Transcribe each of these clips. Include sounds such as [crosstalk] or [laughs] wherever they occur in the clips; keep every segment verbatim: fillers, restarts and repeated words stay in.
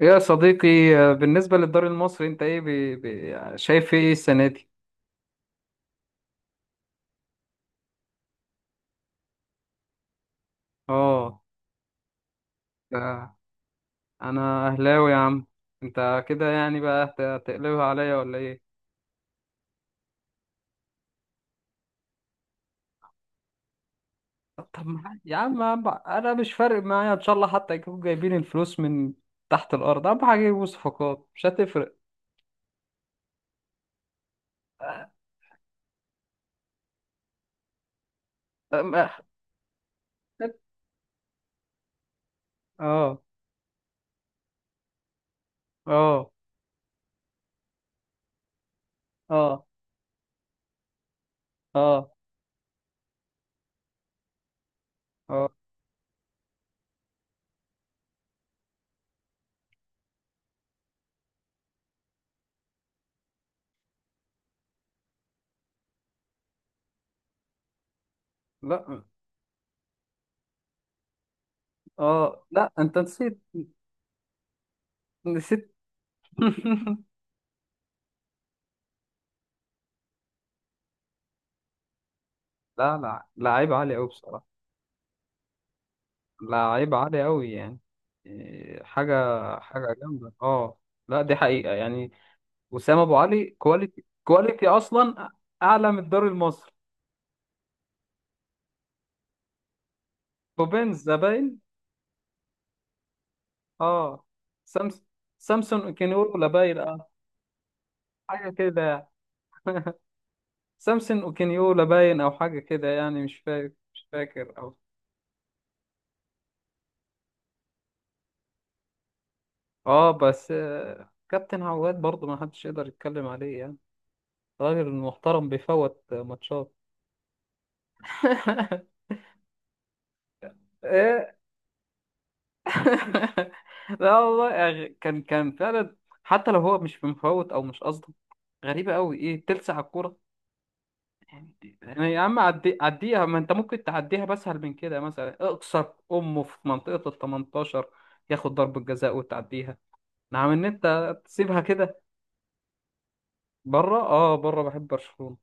يا صديقي، آه، بالنسبة للدوري المصري انت ايه بي... بي... شايف ايه السنة دي؟ اه. آه، انا اهلاوي يا عم. انت كده يعني بقى هت- هتقلبها عليا ولا ايه؟ طب طب ما- يا عم يا عم، انا مش فارق معايا ان شاء الله حتى يكونوا جايبين الفلوس من تحت الارض. اهم حاجة يجيبوا صفقات مش هتفرق. اه اه اه اه اه آه. لا، اه لا، انت نسيت، نسيت [laughs] لا لا، لعيب عالي قوي بصراحة. لعيب عالي قوي يعني. إيه، حاجة، حاجة جامدة اه. لا دي حقيقة يعني. وسام ابو علي كواليتي، كواليتي اصلا اعلى من الدوري المصري. بوبينز ده باين اه، سامس سامسون اوكينيولا باين، اه حاجة كده. سامسون اوكينيولا باين او حاجة كده يعني، مش فاكر، مش فاكر او اه. بس آه، كابتن عواد برضه ما حدش يقدر يتكلم عليه يعني. راجل محترم بيفوت ماتشات. [laughs] [laughs] لا والله يعني، كان كان فعلا. حتى لو هو مش مفوت او مش قصده، غريبه قوي ايه تلسع الكوره. يعني يا عم عدي، عديها، ما انت ممكن تعديها بسهل من كده، مثلا اقصر امه في منطقه ال تمنتاشر ياخد ضربه جزاء وتعديها. نعم، ان انت تسيبها كده. بره اه، بره بحب برشلونه.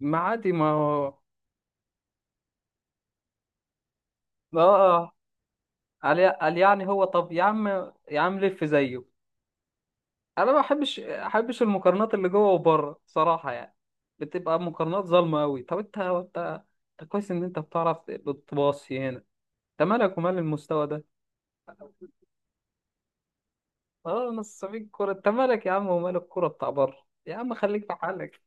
ما عادي، ما هو- اه. آه. قال قال يعني، هو طب يا عم، يا عم لف زيه. انا ما بحبش احبش المقارنات اللي جوه وبره صراحه يعني، بتبقى مقارنات ظالمه قوي. طب انت انت انت كويس ان انت بتعرف بتباصي هنا، انت مالك ومال المستوى ده. اه نصابين كوره، انت مالك يا عم ومال الكوره بتاع بره، يا عم خليك في حالك.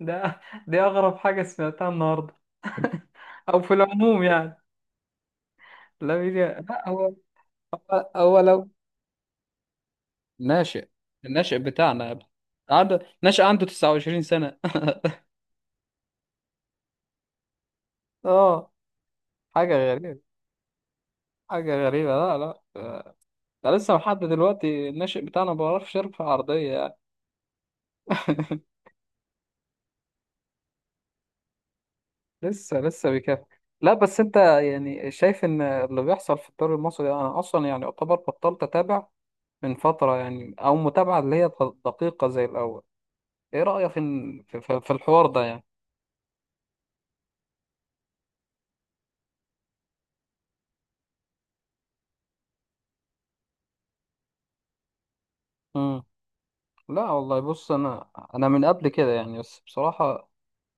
ده دي اغرب حاجه سمعتها النهارده او في العموم يعني. لا ميديا- لا، هو هو لو ناشئ، الناشئ بتاعنا، عنده ناشئ عنده تسعة وعشرين سنه. [laughs] اه حاجه غريبه، حاجه غريبه. لا لا، ده لسه لحد دلوقتي الناشئ بتاعنا ما بيعرفش يرفع عرضية يعني. [laughs] لسه لسه بيكافح. لا بس انت يعني شايف ان اللي بيحصل في الدوري المصري ده، انا اصلا يعني اعتبر بطلت اتابع من فترة يعني، او متابعة اللي هي دقيقة زي الاول. ايه رأيك ان- في في- في الحوار ده يعني؟ لا والله بص، انا انا من قبل كده يعني بس بصراحة،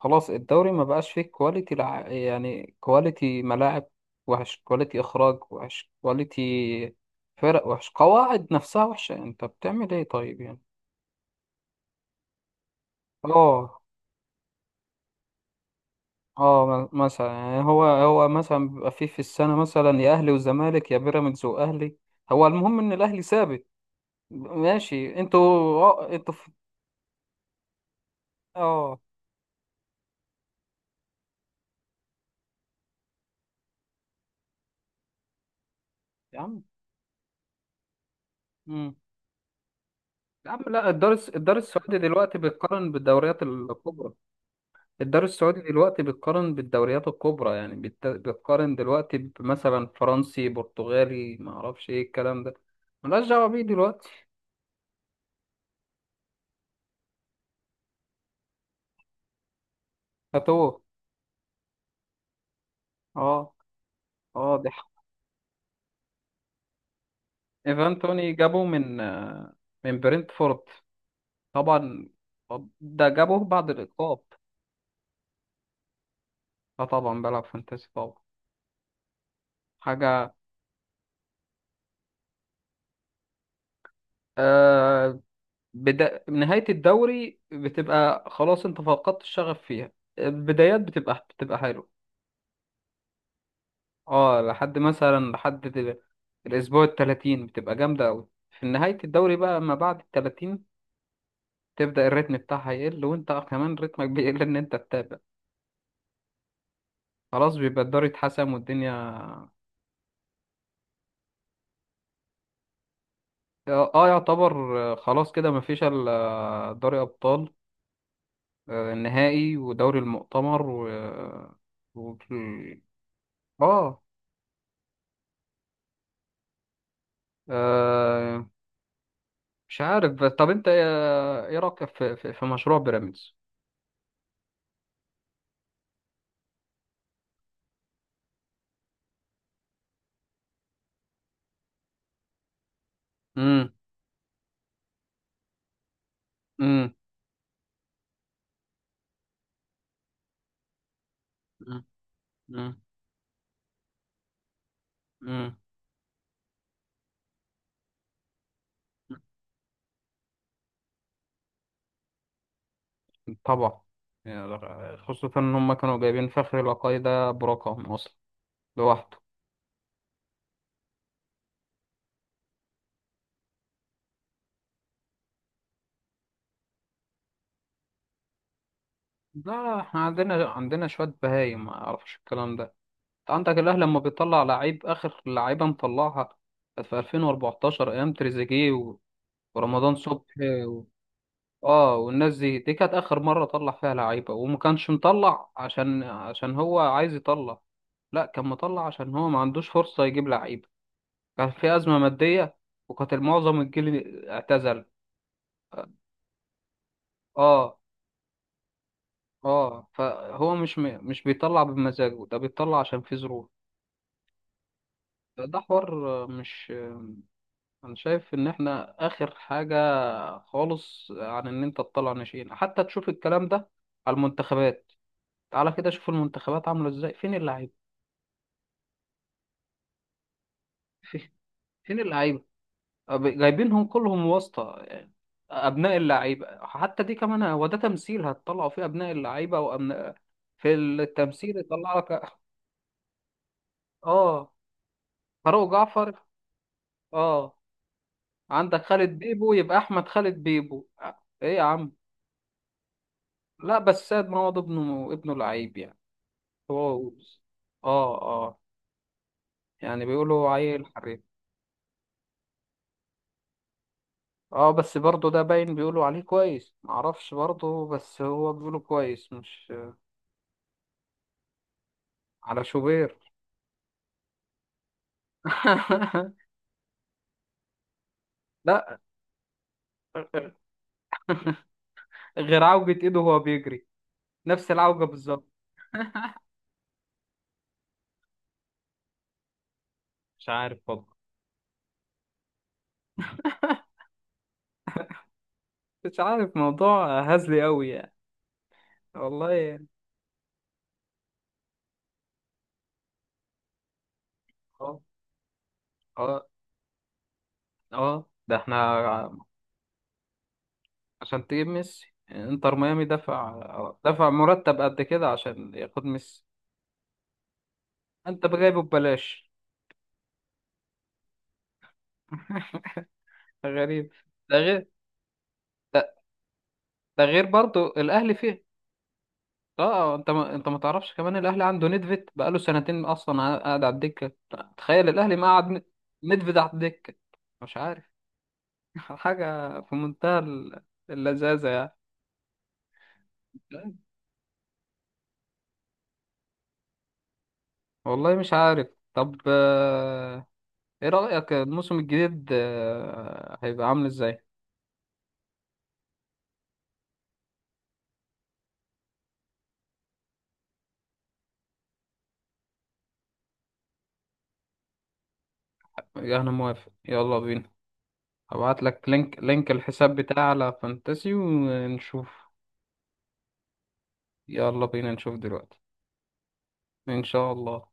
خلاص الدوري ما بقاش فيه كواليتي. لع... يعني كواليتي ملاعب وحش، كواليتي اخراج وحش، كواليتي فرق وحش، قواعد نفسها وحشة، يعني انت بتعمل ايه طيب يعني. اه اه، م- مثلا يعني، هو هو مثلا بيبقى فيه في السنة مثلا يا اهلي وزمالك، يا بيراميدز واهلي، هو المهم ان الاهلي ثابت. ماشي. انتوا اه، انتوا في... اه يا عم، يا عم لا، الدار الس- الدار السعودي دلوقتي بتقارن بالدوريات الكبرى، الدار السعودي دلوقتي بتقارن بالدوريات الكبرى يعني، بت- بتقارن دلوقتي بمثلا فرنسي، برتغالي، ما اعرفش ايه الكلام ده، ملهاش دعوة بيه دلوقتي. هاتوه اه اه. ده ح- ايفان توني جابه من آه، من برنتفورد طبعا. طب ده جابه بعد الإقاب. اه طبعا بلعب فانتاسي طبعا. حاجة. آه، بدا... نهاية الدوري بتبقى خلاص انت فقدت الشغف فيها، البدايات بتبقى بتبقى حلوة. اه لحد مثلا لحد ال- الأسبوع التلاتين بتبقى جامدة أوي. في نهاية الدوري بقى ما بعد التلاتين تبدأ الريتم بتاعها يقل، وانت كمان رتمك [laughs] بيقل ان انت تتابع. خلاص بيبقى الدوري اتحسم والدنيا اه، يعتبر آه، خلاص كده مفيش الا دوري أبطال، آه، النهائي ودوري المؤتمر و... و... اه آه، مش عارف. بس طب انت ايه، إيه رايك في في, في مشروع بيراميدز؟ امم امم امم امم. طبعا يعني، خصوصا ان هم كانوا جايبين فخر لقاي ده برقم اصلا لوحده. لا لا، احنا عندنا، عندنا شويه بهايم ما اعرفش الكلام ده. انت عندك الاهلي لما بيطلع لعيب اخر لعيبه مطلعها كانت في ألفين واربعتاشر ايام تريزيجيه و- ورمضان صبحي. اه والناس دي، دي كانت اخر مره طلع فيها لعيبه، وما كانش مطلع عشان، عشان هو عايز يطلع. لا، كان مطلع عشان هو ما عندوش فرصه يجيب لعيبه، كان في ازمه ماديه، وكانت معظم الجيل اعتزل. اه اه، فهو مش م... مش بيطلع بمزاجه، ده بيطلع عشان في ظروف. ده حوار، مش، انا شايف ان احنا اخر حاجه خالص عن ان انت تطلع ناشئين. حتى تشوف الكلام ده على المنتخبات، تعالى كده شوف المنتخبات عامله ازاي، فين اللعيبه؟ [laughs] فين اللعيبة؟ أب- جايبينهم كلهم واسطة يعني. أبناء اللعيبة حتى دي كمان، هو ده تمثيل هتطلعوا فيه أبناء اللعيبة وأبناء في التمثيل يطلع لك. اه فاروق جعفر اه. عندك خالد بيبو يبقى أحمد خالد بيبو، آه، إيه يا عم. لا بس سيد معوض ابنه، ابنه لعيب يعني. هو اه اه، يعني بيقولوا عيل حريف. اه بس برضه ده باين بيقولوا عليه كويس، معرفش برضه، بس هو بيقولوا كويس مش على شوبير. [laughs] لا، غير عوجة ايده وهو بيجري، نفس العوجة بالظبط. مش عارف والله، مش عارف، موضوع هزلي قوي يعني. والله يعني. اه اه اه، ده احنا، عشان تجيب ميسي انتر ميامي دفع، دفع مرتب قد كده عشان ياخد ميسي، انت جايبه ببلاش. [laughs] غريب. ده غير، ده، ده غير برضو الاهلي فيه اه. اه، انت ما انت ما تعرفش كمان الاهلي عنده نيدفيد بقاله سنتين اصلا قاعد على الدكه. تخيل الاهلي، ما قعد ن- نيدفيد على الدكه، مش عارف. [laughs] حاجه في منتهى ال- اللذاذه يعني. والله مش عارف. طب آه، ايه رايك الموسم الجديد آه، هيبقى عامل ازاي؟ انا موافق، يلا بينا. هبعت لك لينك، لينك الحساب بتاعي على فانتسي ونشوف. يلا بينا نشوف دلوقتي. ان شاء الله.